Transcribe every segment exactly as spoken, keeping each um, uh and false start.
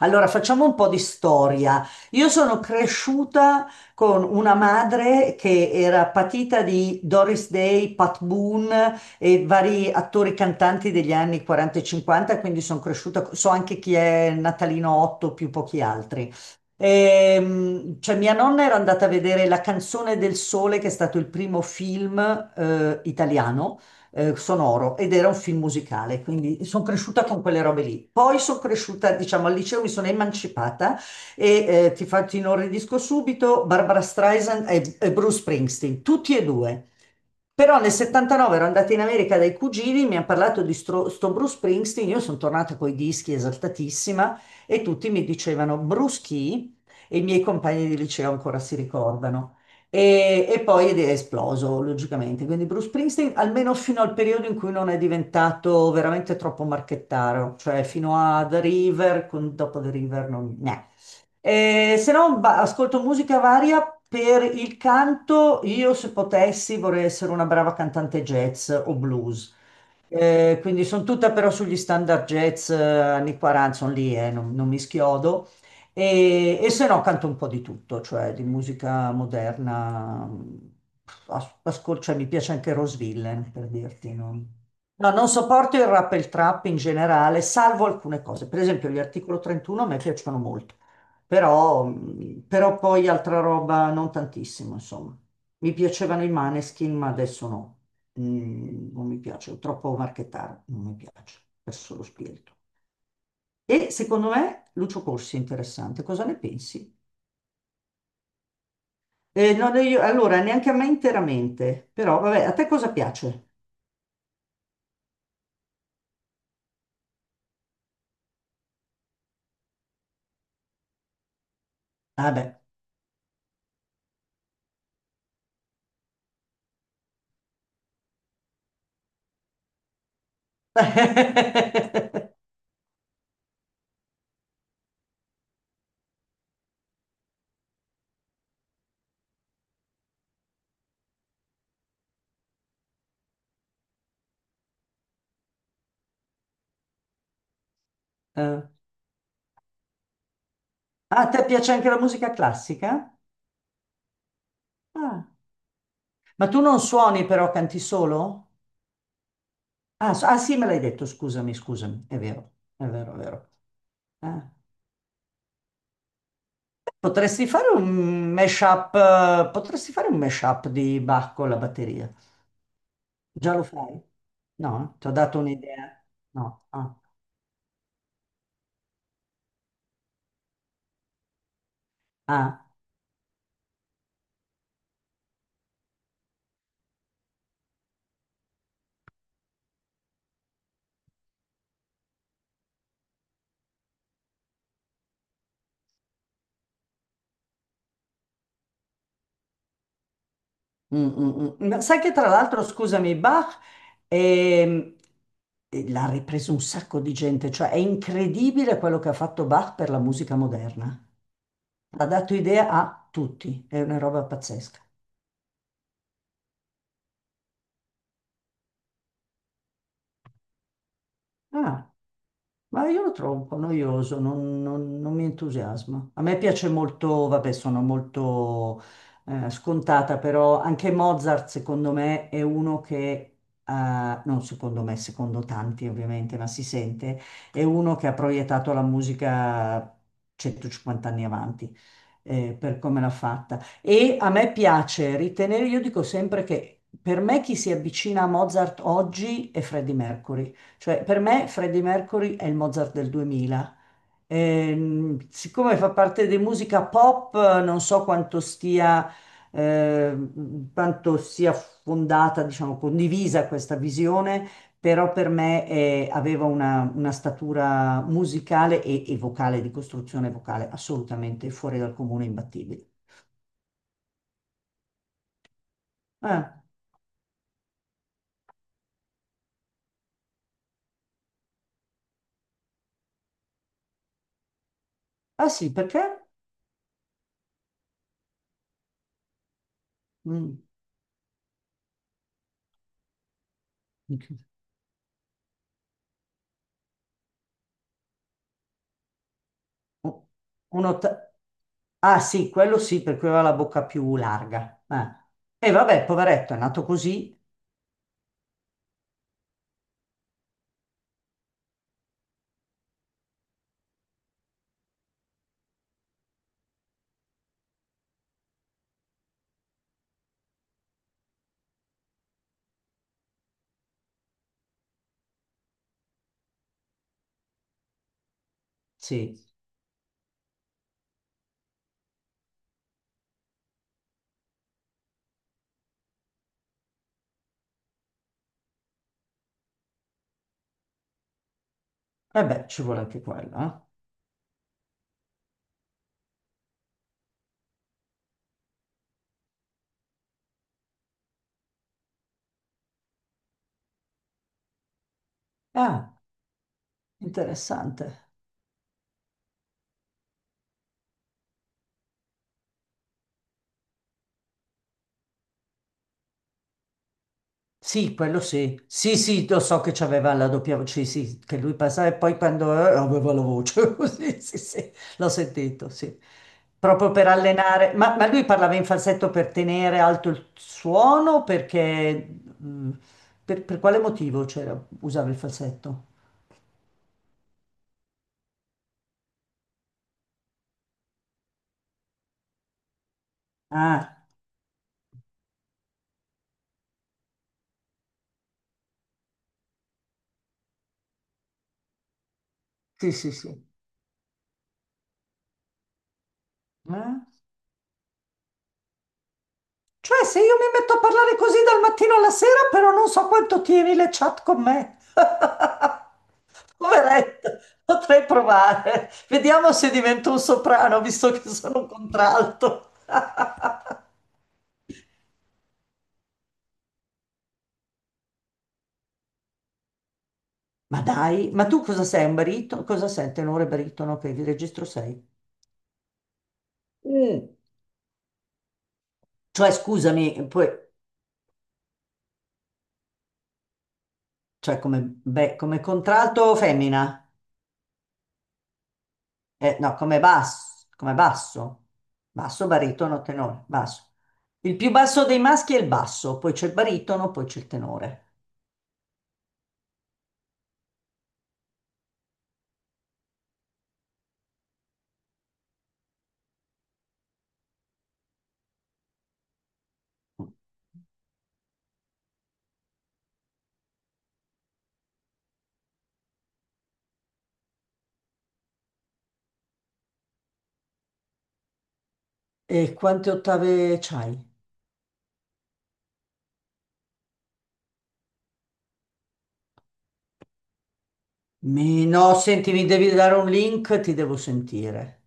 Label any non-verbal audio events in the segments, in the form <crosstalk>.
Allora, facciamo un po' di storia. Io sono cresciuta con una madre che era patita di Doris Day, Pat Boone e vari attori cantanti degli anni quaranta e cinquanta, quindi sono cresciuta, so anche chi è Natalino Otto più pochi altri. Ehm, cioè mia nonna era andata a vedere La canzone del sole, che è stato il primo film eh, italiano eh, sonoro ed era un film musicale, quindi sono cresciuta con quelle robe lì. Poi sono cresciuta, diciamo, al liceo mi sono emancipata e eh, ti faccio ti inorridisco subito, Barbara Streisand e, e Bruce Springsteen, tutti e due. Però nel settantanove ero andata in America dai cugini, mi hanno parlato di stro- sto Bruce Springsteen, io sono tornata coi dischi esaltatissima e tutti mi dicevano Bruce chi? E i miei compagni di liceo ancora si ricordano. E, e poi ed è esploso, logicamente. Quindi Bruce Springsteen, almeno fino al periodo in cui non è diventato veramente troppo marchettaro, cioè fino a The River, con- dopo The River non... no. Eh, se no, va- ascolto musica varia. Per il canto, io se potessi vorrei essere una brava cantante jazz o blues. Eh, quindi sono tutta però sugli standard jazz eh, anni quaranta, sono lì, eh, non, non mi schiodo. E, e se no canto un po' di tutto, cioè di musica moderna. Mh, As- ascol- cioè, mi piace anche Rose Villain, per dirti. non- No, non sopporto il rap e il trap in generale, salvo alcune cose. Per esempio, gli Articolo trentuno a me piacciono molto. Però, mh, però poi altra roba non tantissimo, insomma. Mi piacevano i Maneskin, ma adesso no. Mm, non mi piace, troppo marchettaro, non mi piace, perso lo spirito. E secondo me Lucio Corsi è interessante, cosa ne pensi? Eh, no, no, io- allora, neanche a me interamente, però vabbè, a te cosa piace? Ah beh. <laughs> Eh, ah, A te piace anche la musica classica? Ah. Ma tu non suoni però, canti solo? Ah, so- ah, sì, me l'hai detto, scusami, scusami, è vero, è vero, è vero. Eh. Potresti fare un mashup, eh, potresti fare un mashup di Bach con la batteria. Già lo fai? No? Eh? Ti ho dato un'idea? No. Ah. Ah. Mm, mm, mm. Ma sai che tra l'altro, scusami, Bach ehm, eh, l'ha ripreso un sacco di gente, cioè è incredibile quello che ha fatto Bach per la musica moderna. Ha dato idea a tutti, è una roba pazzesca. Ah. Ma io lo trovo un po' noioso, non, non- non mi entusiasma. A me piace molto, vabbè, sono molto eh, scontata, però anche Mozart, secondo me, è uno che, eh, non secondo me, secondo tanti ovviamente, ma si sente, è uno che ha proiettato la musica centocinquanta anni avanti, eh, per come l'ha fatta. E a me piace ritenere, io dico sempre che per me chi si avvicina a Mozart oggi è Freddie Mercury. Cioè, per me Freddie Mercury è il Mozart del duemila. Ehm, siccome fa parte di musica pop, non so quanto stia, eh, quanto sia fondata, diciamo, condivisa questa visione, però per me eh, aveva una, una statura musicale e, e vocale, di costruzione vocale, assolutamente fuori dal comune, imbattibile. Eh, Ah sì, perché? Mm. Un- un otta- Ah sì, quello sì, per cui aveva la bocca più larga. Eh. E vabbè, poveretto, è nato così. Sì, e beh, ci vuole anche quello. Eh. Ah, interessante. Sì, quello sì. Sì, sì, lo so che c'aveva la doppia voce, sì, sì, che lui passava e poi quando eh, aveva la voce, <laughs> così, sì, sì, l'ho sentito, sì. Proprio per allenare, ma, ma lui parlava in falsetto per tenere alto il suono, o perché, mm, per, per quale motivo c'era, usava il falsetto? Ah, sì, sì, sì. Eh? Cioè, se io mi metto a parlare così dal mattino alla sera, però non so quanto tieni le chat con me. Poveretto, potrei provare. Vediamo se divento un soprano, visto che sono un contralto. <laughs> Ma dai, ma tu cosa sei? Un baritono? Cosa sei? Tenore baritono? Ok, che registro sei? Mm. Cioè, scusami, poi, cioè come, beh, come contralto femmina? Eh, no, come basso, come basso. Basso, baritono, tenore, basso. Il più basso dei maschi è il basso, poi c'è il baritono, poi c'è il tenore. E quante ottave c'hai? Mi- no, senti, mi devi dare un link, ti devo sentire.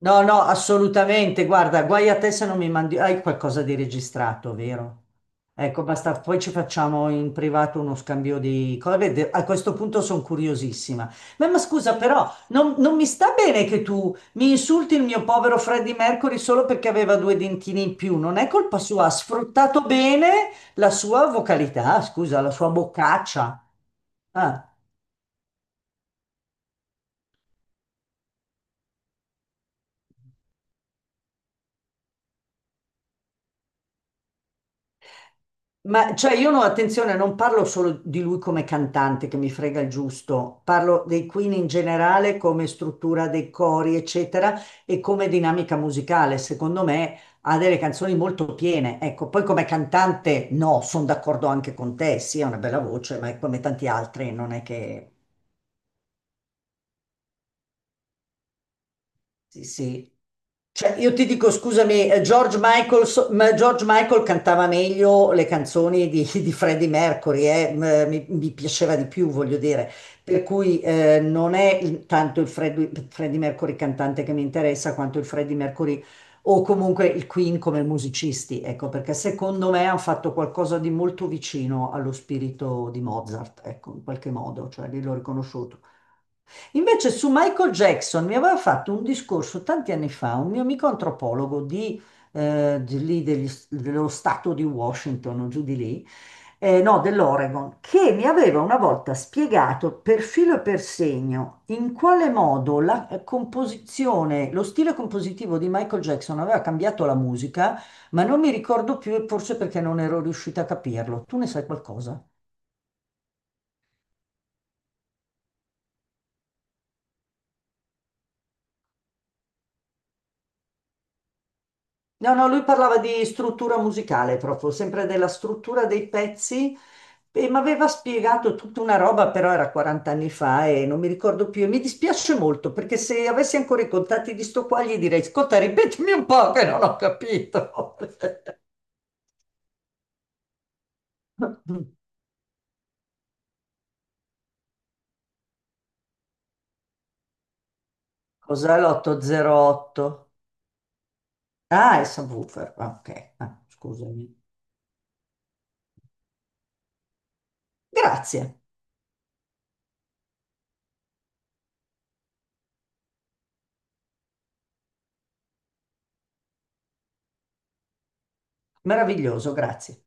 No, no, assolutamente. Guarda, guai a te se non mi mandi. Hai qualcosa di registrato, vero? Ecco, basta. Poi ci facciamo in privato uno scambio di cose. De- A questo punto sono curiosissima. Ma, ma scusa, però, non, non mi sta bene che tu mi insulti il mio povero Freddie Mercury solo perché aveva due dentini in più. Non è colpa sua, ha sfruttato bene la sua vocalità, scusa, la sua boccaccia. Ah. Ma cioè io no, attenzione, non parlo solo di lui come cantante che mi frega il giusto, parlo dei Queen in generale come struttura dei cori, eccetera, e come dinamica musicale. Secondo me ha delle canzoni molto piene. Ecco, poi come cantante no, sono d'accordo anche con te, sì, ha una bella voce, ma è come tanti altri, non è che sì, sì. Cioè, io ti dico, scusami, eh, George Michael, so- ma George Michael cantava meglio le canzoni di, <laughs> di Freddie Mercury, eh, m- mi, mi piaceva di più, voglio dire. Per cui eh, non è il- tanto il Freddie, Freddie Mercury cantante che mi interessa, quanto il Freddie Mercury o comunque il Queen come musicisti, ecco, perché secondo me hanno fatto qualcosa di molto vicino allo spirito di Mozart, ecco, in qualche modo, cioè lì l'ho riconosciuto. Invece su Michael Jackson mi aveva fatto un discorso tanti anni fa un mio amico antropologo di, eh, di lì degli- dello stato di Washington o giù di lì, eh, no, dell'Oregon, che mi aveva una volta spiegato per filo e per segno in quale modo la composizione, lo stile compositivo di Michael Jackson aveva cambiato la musica, ma non mi ricordo più, e forse perché non ero riuscita a capirlo. Tu ne sai qualcosa? No, no, lui parlava di struttura musicale proprio, sempre della struttura dei pezzi e mi aveva spiegato tutta una roba, però era quaranta anni fa e non mi ricordo più e mi dispiace molto perché se avessi ancora i contatti di sto qua gli direi, ascolta, ripetimi un po' che non ho capito. <laughs> Cos'è l'otto zero otto? Ah, è subwoofer. Ah, ok. Ah, scusami. Grazie, meraviglioso, grazie.